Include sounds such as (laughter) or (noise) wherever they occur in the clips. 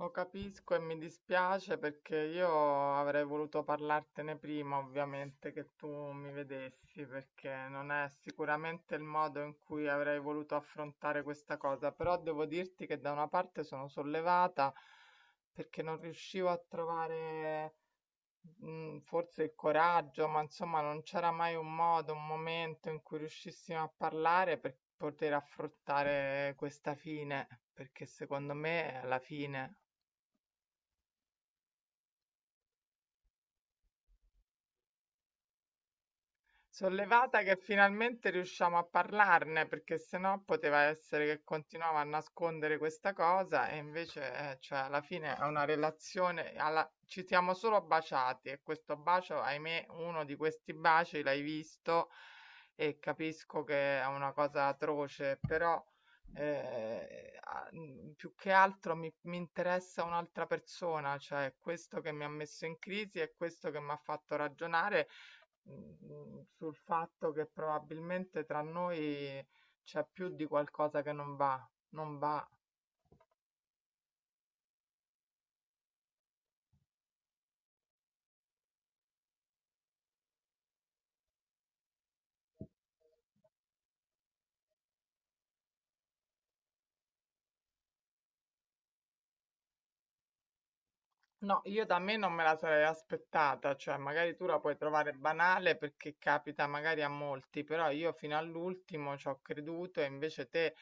Lo capisco e mi dispiace perché io avrei voluto parlartene prima, ovviamente, che tu mi vedessi, perché non è sicuramente il modo in cui avrei voluto affrontare questa cosa, però devo dirti che da una parte sono sollevata perché non riuscivo a trovare forse il coraggio, ma insomma non c'era mai un modo, un momento in cui riuscissimo a parlare per poter affrontare questa fine, perché secondo me è la fine. Sono levata che finalmente riusciamo a parlarne, perché sennò poteva essere che continuava a nascondere questa cosa e invece, cioè, alla fine è una relazione, ci siamo solo baciati e questo bacio, ahimè, uno di questi baci l'hai visto e capisco che è una cosa atroce, però più che altro mi interessa un'altra persona, cioè questo che mi ha messo in crisi è questo che mi ha fatto ragionare sul fatto che probabilmente tra noi c'è più di qualcosa che non va, non va. No, io da me non me la sarei aspettata, cioè magari tu la puoi trovare banale perché capita magari a molti, però io fino all'ultimo ci ho creduto e invece te,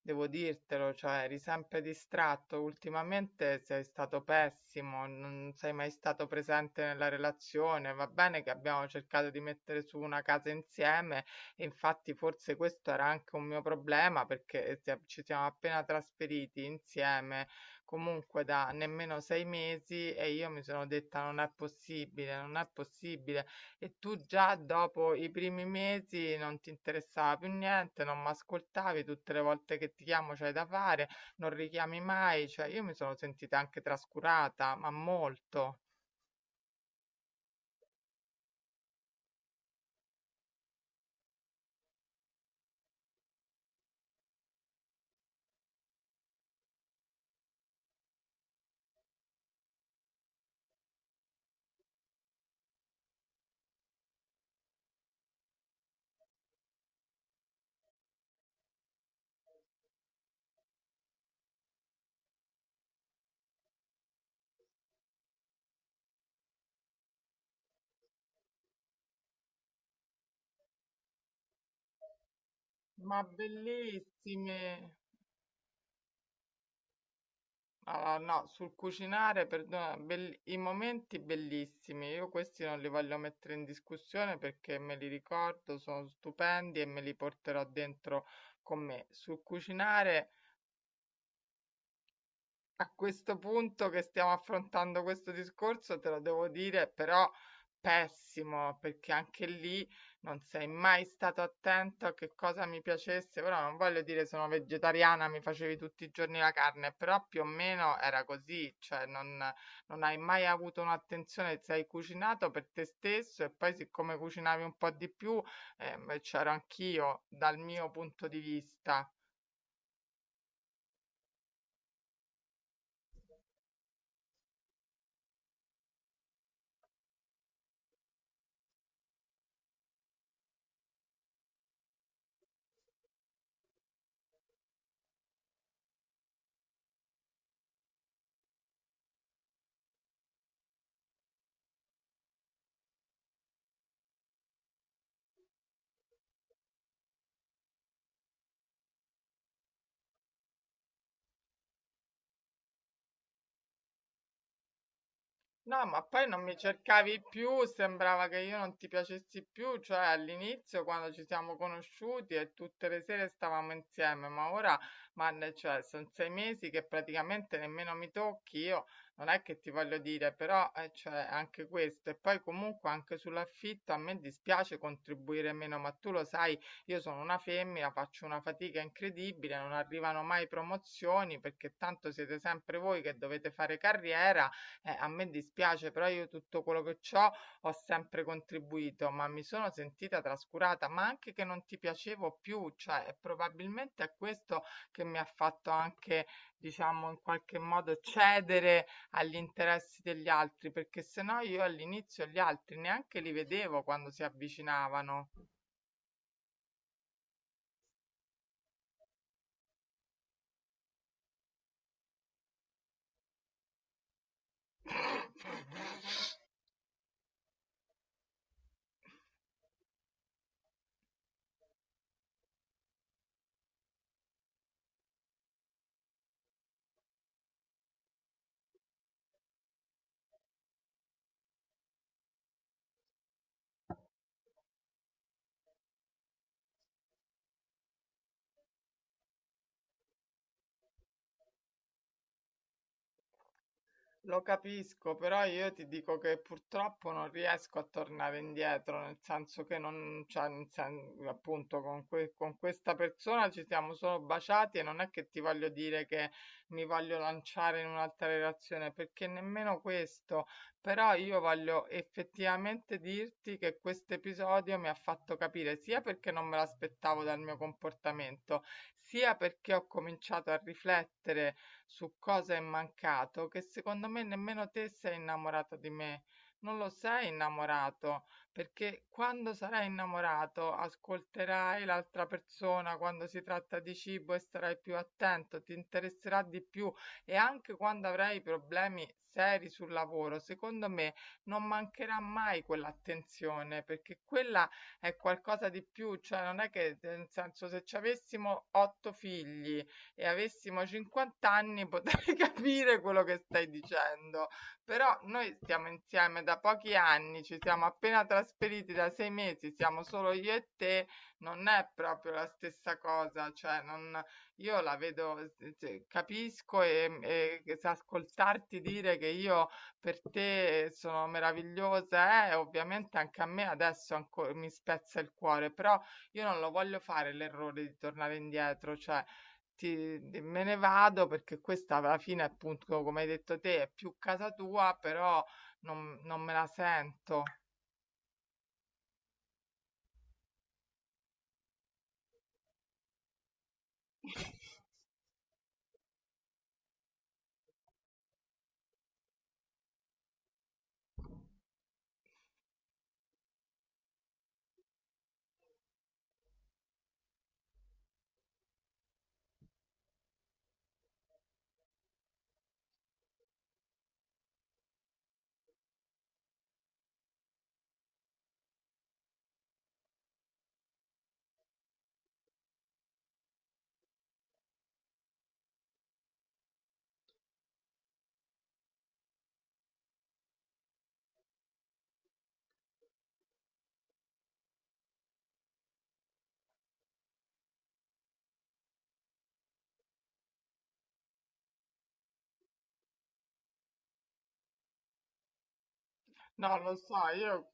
devo dirtelo, cioè eri sempre distratto, ultimamente sei stato pessimo, non sei mai stato presente nella relazione, va bene che abbiamo cercato di mettere su una casa insieme, e infatti forse questo era anche un mio problema perché ci siamo appena trasferiti insieme comunque da nemmeno 6 mesi e io mi sono detta non è possibile, non è possibile. E tu già dopo i primi mesi non ti interessava più niente, non mi ascoltavi, tutte le volte che ti chiamo c'hai da fare, non richiami mai, cioè io mi sono sentita anche trascurata, ma molto. Ma bellissime. Allora, no, sul cucinare, perdona, i momenti bellissimi, io questi non li voglio mettere in discussione perché me li ricordo, sono stupendi e me li porterò dentro con me. Sul cucinare, a questo punto che stiamo affrontando questo discorso, te lo devo dire, però pessimo, perché anche lì non sei mai stato attento a che cosa mi piacesse, però non voglio dire sono vegetariana, mi facevi tutti i giorni la carne, però più o meno era così, cioè non hai mai avuto un'attenzione, sei cucinato per te stesso e poi siccome cucinavi un po' di più, c'ero anch'io dal mio punto di vista. No, ma poi non mi cercavi più, sembrava che io non ti piacessi più, cioè all'inizio quando ci siamo conosciuti e tutte le sere stavamo insieme, ma ora, cioè, sono 6 mesi che praticamente nemmeno mi tocchi, io non è che ti voglio dire, però cioè, anche questo, e poi comunque anche sull'affitto a me dispiace contribuire meno, ma tu lo sai, io sono una femmina, faccio una fatica incredibile, non arrivano mai promozioni perché tanto siete sempre voi che dovete fare carriera, a me dispiace, però io tutto quello che c'ho ho sempre contribuito, ma mi sono sentita trascurata, ma anche che non ti piacevo più, cioè e probabilmente è questo che mi ha fatto anche, diciamo, in qualche modo cedere agli interessi degli altri, perché se no io all'inizio gli altri neanche li vedevo quando si avvicinavano. (laughs) Lo capisco, però io ti dico che purtroppo non riesco a tornare indietro, nel senso che non, cioè, appunto, con questa persona ci siamo solo baciati e non è che ti voglio dire che mi voglio lanciare in un'altra relazione, perché nemmeno questo, però io voglio effettivamente dirti che questo episodio mi ha fatto capire sia perché non me l'aspettavo dal mio comportamento, sia perché ho cominciato a riflettere su cosa è mancato che secondo me nemmeno te sei innamorato di me. Non lo sei innamorato, perché quando sarai innamorato ascolterai l'altra persona quando si tratta di cibo e sarai più attento, ti interesserà di più e anche quando avrai problemi seri sul lavoro, secondo me non mancherà mai quell'attenzione, perché quella è qualcosa di più, cioè non è che nel senso se ci avessimo otto figli e avessimo 50 anni potrei (laughs) capire quello che stai dicendo. Però noi stiamo insieme da pochi anni, ci siamo appena trasferiti da 6 mesi, siamo solo io e te, non è proprio la stessa cosa, cioè non, io la vedo, cioè, capisco e che se ascoltarti dire che io per te sono meravigliosa, ovviamente anche a me adesso mi spezza il cuore, però io non lo voglio fare l'errore di tornare indietro, cioè ti di me ne vado perché questa alla fine, appunto, come hai detto te, è più casa tua, però non me la sento. (laughs) No, lo so, io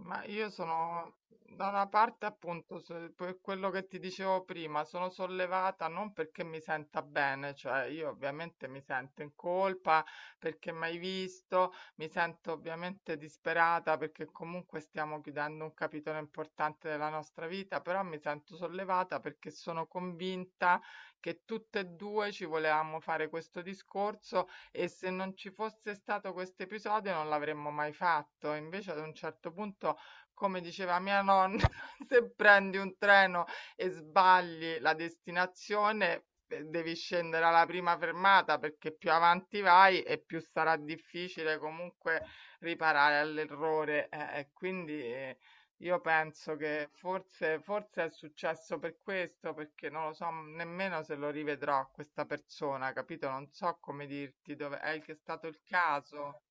Ma io sono da una parte appunto per quello che ti dicevo prima, sono sollevata non perché mi senta bene, cioè io ovviamente mi sento in colpa perché mai visto, mi sento ovviamente disperata perché comunque stiamo chiudendo un capitolo importante della nostra vita, però mi sento sollevata perché sono convinta che tutte e due ci volevamo fare questo discorso e se non ci fosse stato questo episodio non l'avremmo mai fatto. Invece ad un certo punto, come diceva mia nonna, (laughs) se prendi un treno e sbagli la destinazione, devi scendere alla prima fermata perché più avanti vai e più sarà difficile comunque riparare all'errore. E quindi io penso che forse, forse è successo per questo, perché non lo so nemmeno se lo rivedrò questa persona, capito? Non so come dirti dove è che è stato il caso.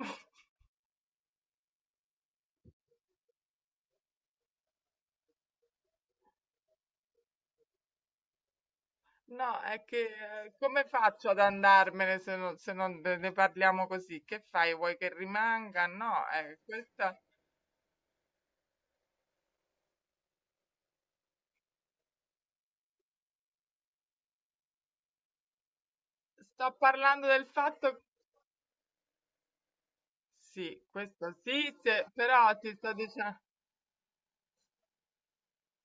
(laughs) No, è che come faccio ad andarmene se non ne parliamo così? Che fai? Vuoi che rimanga? No, questa. Sto parlando del fatto. Sì, questo sì, però ti sto dicendo.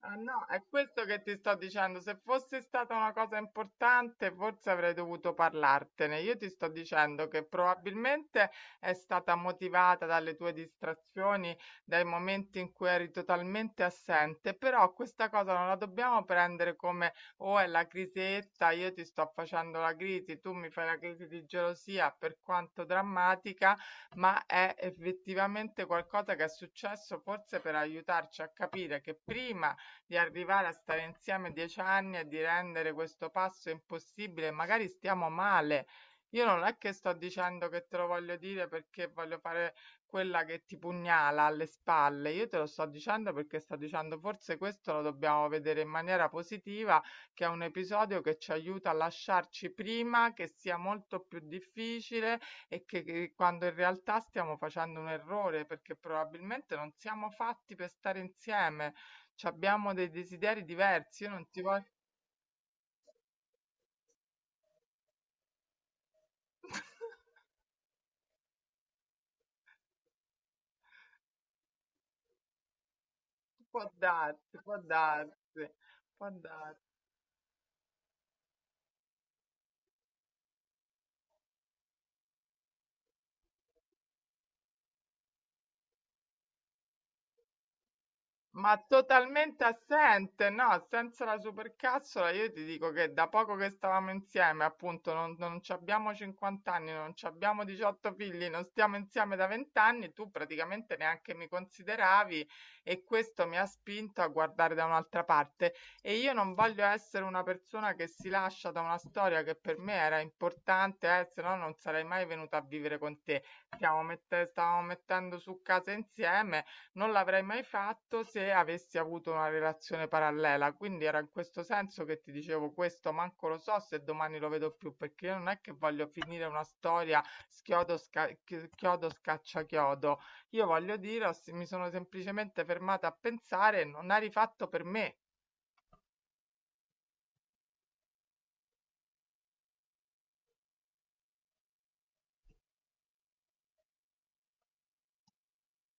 Ah no, è questo che ti sto dicendo. Se fosse stata una cosa importante, forse avrei dovuto parlartene. Io ti sto dicendo che probabilmente è stata motivata dalle tue distrazioni, dai momenti in cui eri totalmente assente, però questa cosa non la dobbiamo prendere come o è la crisetta, io ti sto facendo la crisi, tu mi fai la crisi di gelosia, per quanto drammatica, ma è effettivamente qualcosa che è successo forse per aiutarci a capire che prima di arrivare a stare insieme 10 anni e di rendere questo passo impossibile, magari stiamo male. Io non è che sto dicendo che te lo voglio dire perché voglio fare quella che ti pugnala alle spalle, io te lo sto dicendo perché sto dicendo forse questo lo dobbiamo vedere in maniera positiva, che è un episodio che ci aiuta a lasciarci prima, che sia molto più difficile e che quando in realtà stiamo facendo un errore perché probabilmente non siamo fatti per stare insieme, c'abbiamo dei desideri diversi, io non ti voglio. (laughs) Può darsi, può darsi, può darsi. Ma totalmente assente, no, senza la supercazzola io ti dico che da poco che stavamo insieme, appunto, non ci abbiamo 50 anni, non ci abbiamo 18 figli, non stiamo insieme da 20 anni, tu praticamente neanche mi consideravi e questo mi ha spinto a guardare da un'altra parte e io non voglio essere una persona che si lascia da una storia che per me era importante, se no non sarei mai venuta a vivere con te. Stavamo mettendo su casa insieme non l'avrei mai fatto se avessi avuto una relazione parallela, quindi era in questo senso che ti dicevo questo, manco lo so se domani lo vedo più, perché io non è che voglio finire una storia chiodo, scaccia chiodo. Io voglio dire, mi sono semplicemente fermata a pensare, non ha rifatto per me.